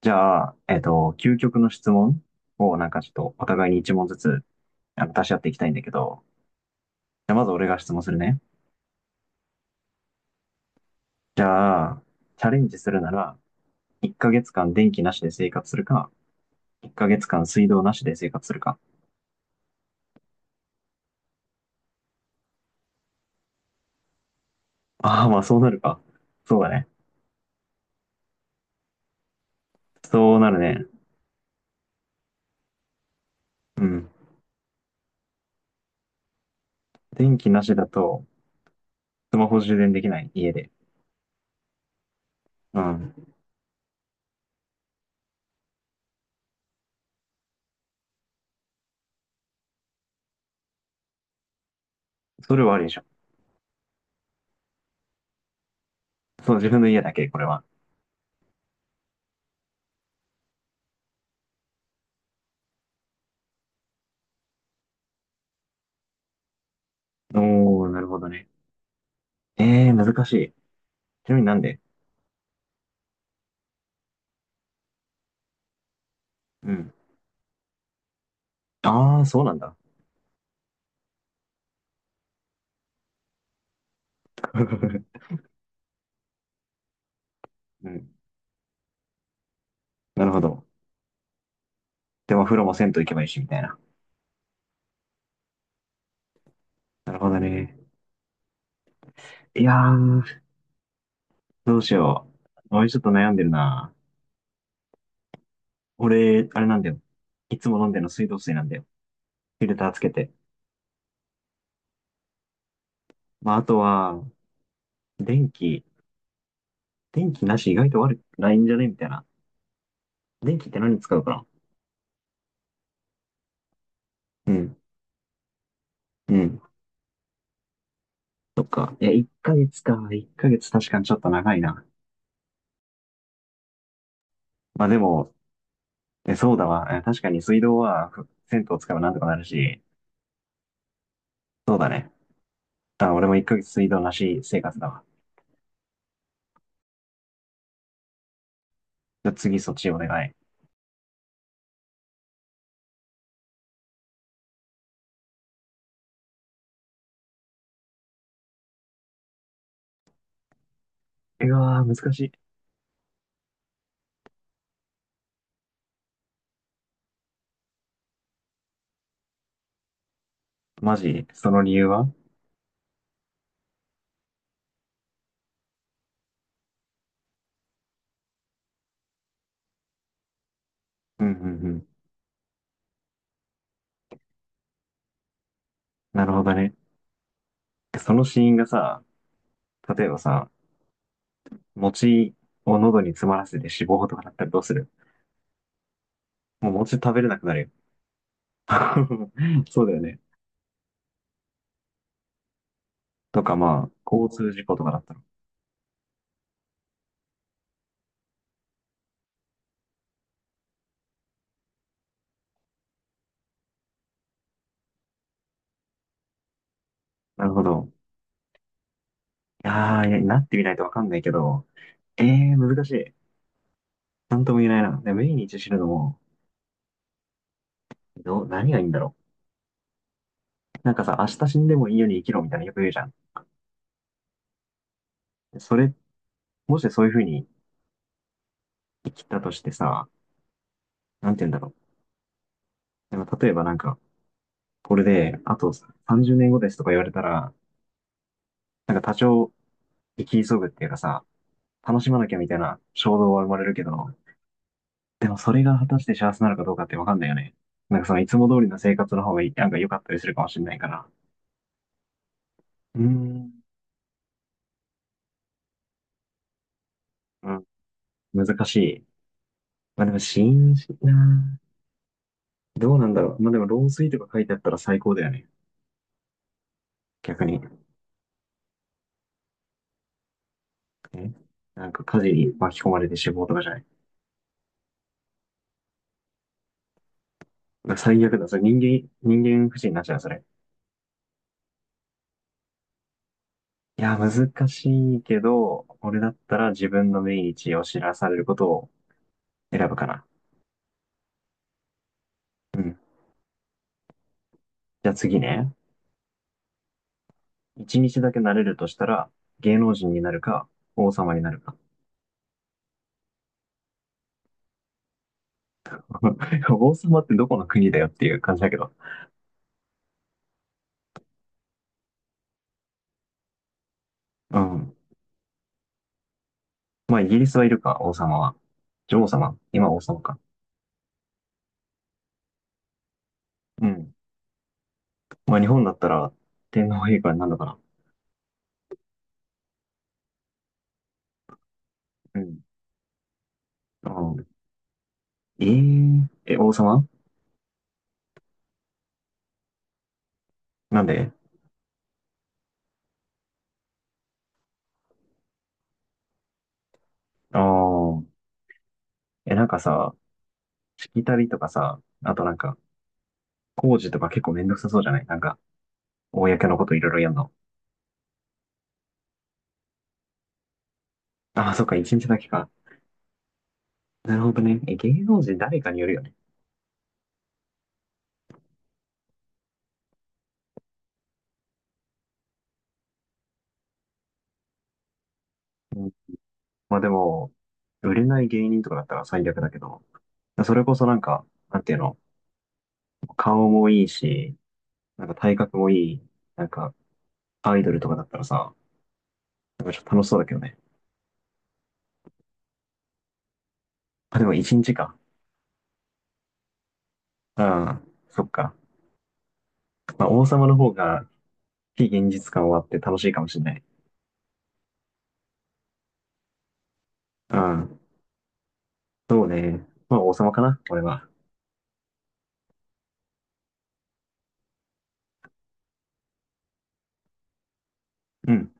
じゃあ、究極の質問をなんかちょっとお互いに一問ずつ出し合っていきたいんだけど、じゃあまず俺が質問するね。じゃあ、チャレンジするなら、1ヶ月間電気なしで生活するか、1ヶ月間水道なしで生活するか。ああ、まあそうなるか。そうだね。そうなるね。うん。電気なしだと、スマホ充電できない家で。うん。それはありでしょ。そう、自分の家だけ、これは。おー、なるほどね。えー、難しい。ちなみになんで？うん。ああ、そうなんだ。うん。なるほど。でもお風呂も銭湯行けばいいし、みたいな。なるほどね。いやー、どうしよう。俺ちょっと悩んでるな。俺、あれなんだよ。いつも飲んでるの水道水なんだよ。フィルターつけて。まあ、あとは、電気。電気なし意外と悪くないんじゃねみたいな。電気って何に使うかな？うん。うん。そっか。いや、1ヶ月か。1ヶ月確かにちょっと長いな。まあでも、え、そうだわ。え確かに水道は、銭湯使えばなんとかなるし。そうだね。あ、俺も1ヶ月水道なし生活だわ。じゃあ次そっちお願い。うわー、難しい。マジその理由は？うんうんうん。なるほどね。その死因がさ、例えばさ、餅を喉に詰まらせて死亡とかだったらどうする？もう餅食べれなくなるよ。そうだよね。とかまあ、交通事故とかだったら。なるほど。いやー、いやなってみないとわかんないけど、えー、難しい。なんとも言えないな。で、命日死ぬのも、何がいいんだろう。なんかさ、明日死んでもいいように生きろみたいなよく言うじゃん。それ、もしそういうふうに生きたとしてさ、なんて言うんだろう。なんか例えばなんか、これで、あと30年後ですとか言われたら、なんか多少、生き急ぐっていうかさ、楽しまなきゃみたいな衝動は生まれるけど、でもそれが果たして幸せなのかどうかってわかんないよね。なんかそのいつも通りの生活の方がいい、なんか良かったりするかもしれないから。うーん、うん、難しい。まあでも、新しいなぁ。どうなんだろう。まあでも、老衰とか書いてあったら最高だよね。逆に。えなんか火事に巻き込まれて死亡とかじゃない？なんか最悪だ。それ人間不信になっちゃう、それ。いや、難しいけど、俺だったら自分の命日を知らされることを選ぶかな。うん。じゃあ次ね。一日だけなれるとしたら、芸能人になるか、王様になるか。王様ってどこの国だよっていう感じだけど。うん。まあ、イギリスはいるか、王様は。女王様今王様か。うん。まあ、日本だったら、天皇陛下になるのかな。うん。うん、えー、王様なんで？ああー。え、なんかさ、しきたりとかさ、あとなんか、工事とか結構めんどくさそうじゃない？なんか、公のこといろいろやんの。ああ、そっか、一日だけか。なるほどね。え、芸能人誰かによるよね。うん、まあでも、売れない芸人とかだったら最悪だけど、それこそなんか、なんていうの、顔もいいし、なんか体格もいい、なんか、アイドルとかだったらさ、なんかちょっと楽しそうだけどね。あ、でも一日か。うん、そっか。まあ王様の方が、非現実感はあって楽しいかもしれない。うん、そうね。まあ王様かな、俺は。うん。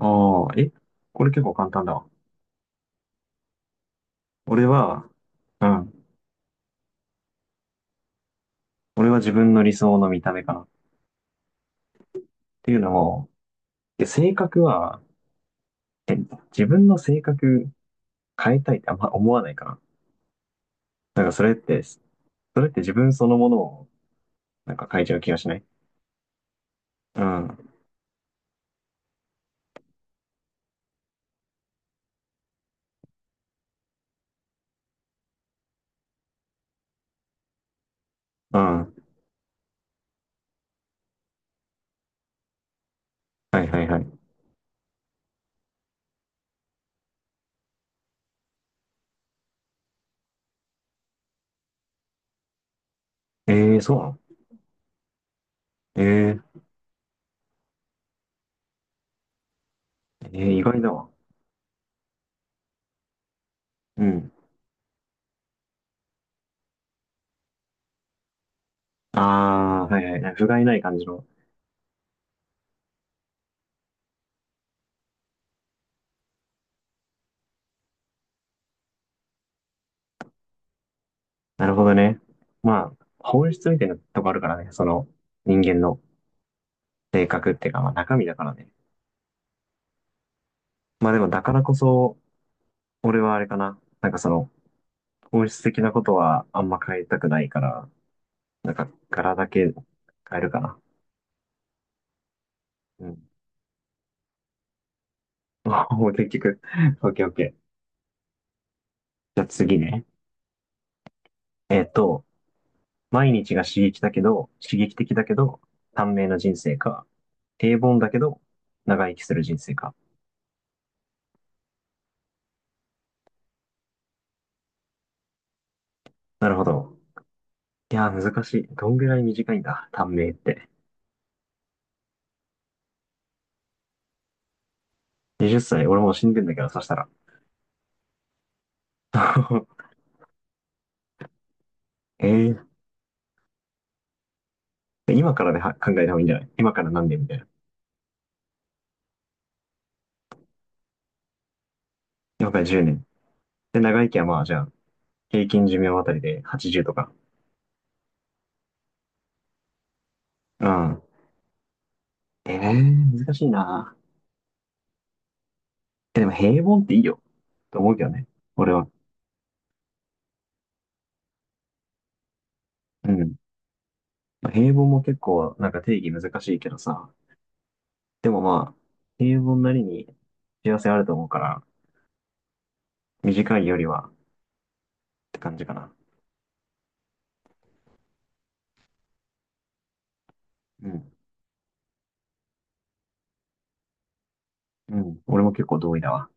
ああ、え、これ結構簡単だわ。俺は、うん。俺は自分の理想の見た目かな。っていうのも、で性格は、自分の性格変えたいってあんま思わないかな。なんかそれって、それって自分そのものを、なんか変えちゃう気がしない？うん。うん。はいはいはい。えー、そうなの？えー、意外だわ。うん。ああ、はいはい。不甲斐ない感じの。なるほどね。まあ、本質みたいなとこあるからね。その、人間の性格っていうか、まあ中身だからね。まあでもだからこそ、俺はあれかな。なんかその、本質的なことはあんま変えたくないから、なんか柄だけ変えるかな。うん。もう結局。オッケーオッケー。じゃあ次ね。えっと、毎日が刺激的だけど、短命な人生か。平凡だけど、長生きする人生か。なるほど。いやー、難しい。どんぐらい短いんだ、短命って。20歳、俺もう死んでんだけど、そしたら。え今からでは考えた方がいいんじゃない？今から何年みたいな。了解10年。で、長生きはまあ、じゃあ、平均寿命あたりで80とか。うん。ええー、難しいな。え、でも平凡っていいよ。と思うけどね。俺は。うん。まあ平凡も結構、なんか定義難しいけどさ。でもまあ、平凡なりに幸せあると思うから、短いよりはって感じかな。うん。うん。俺も結構同意だわ。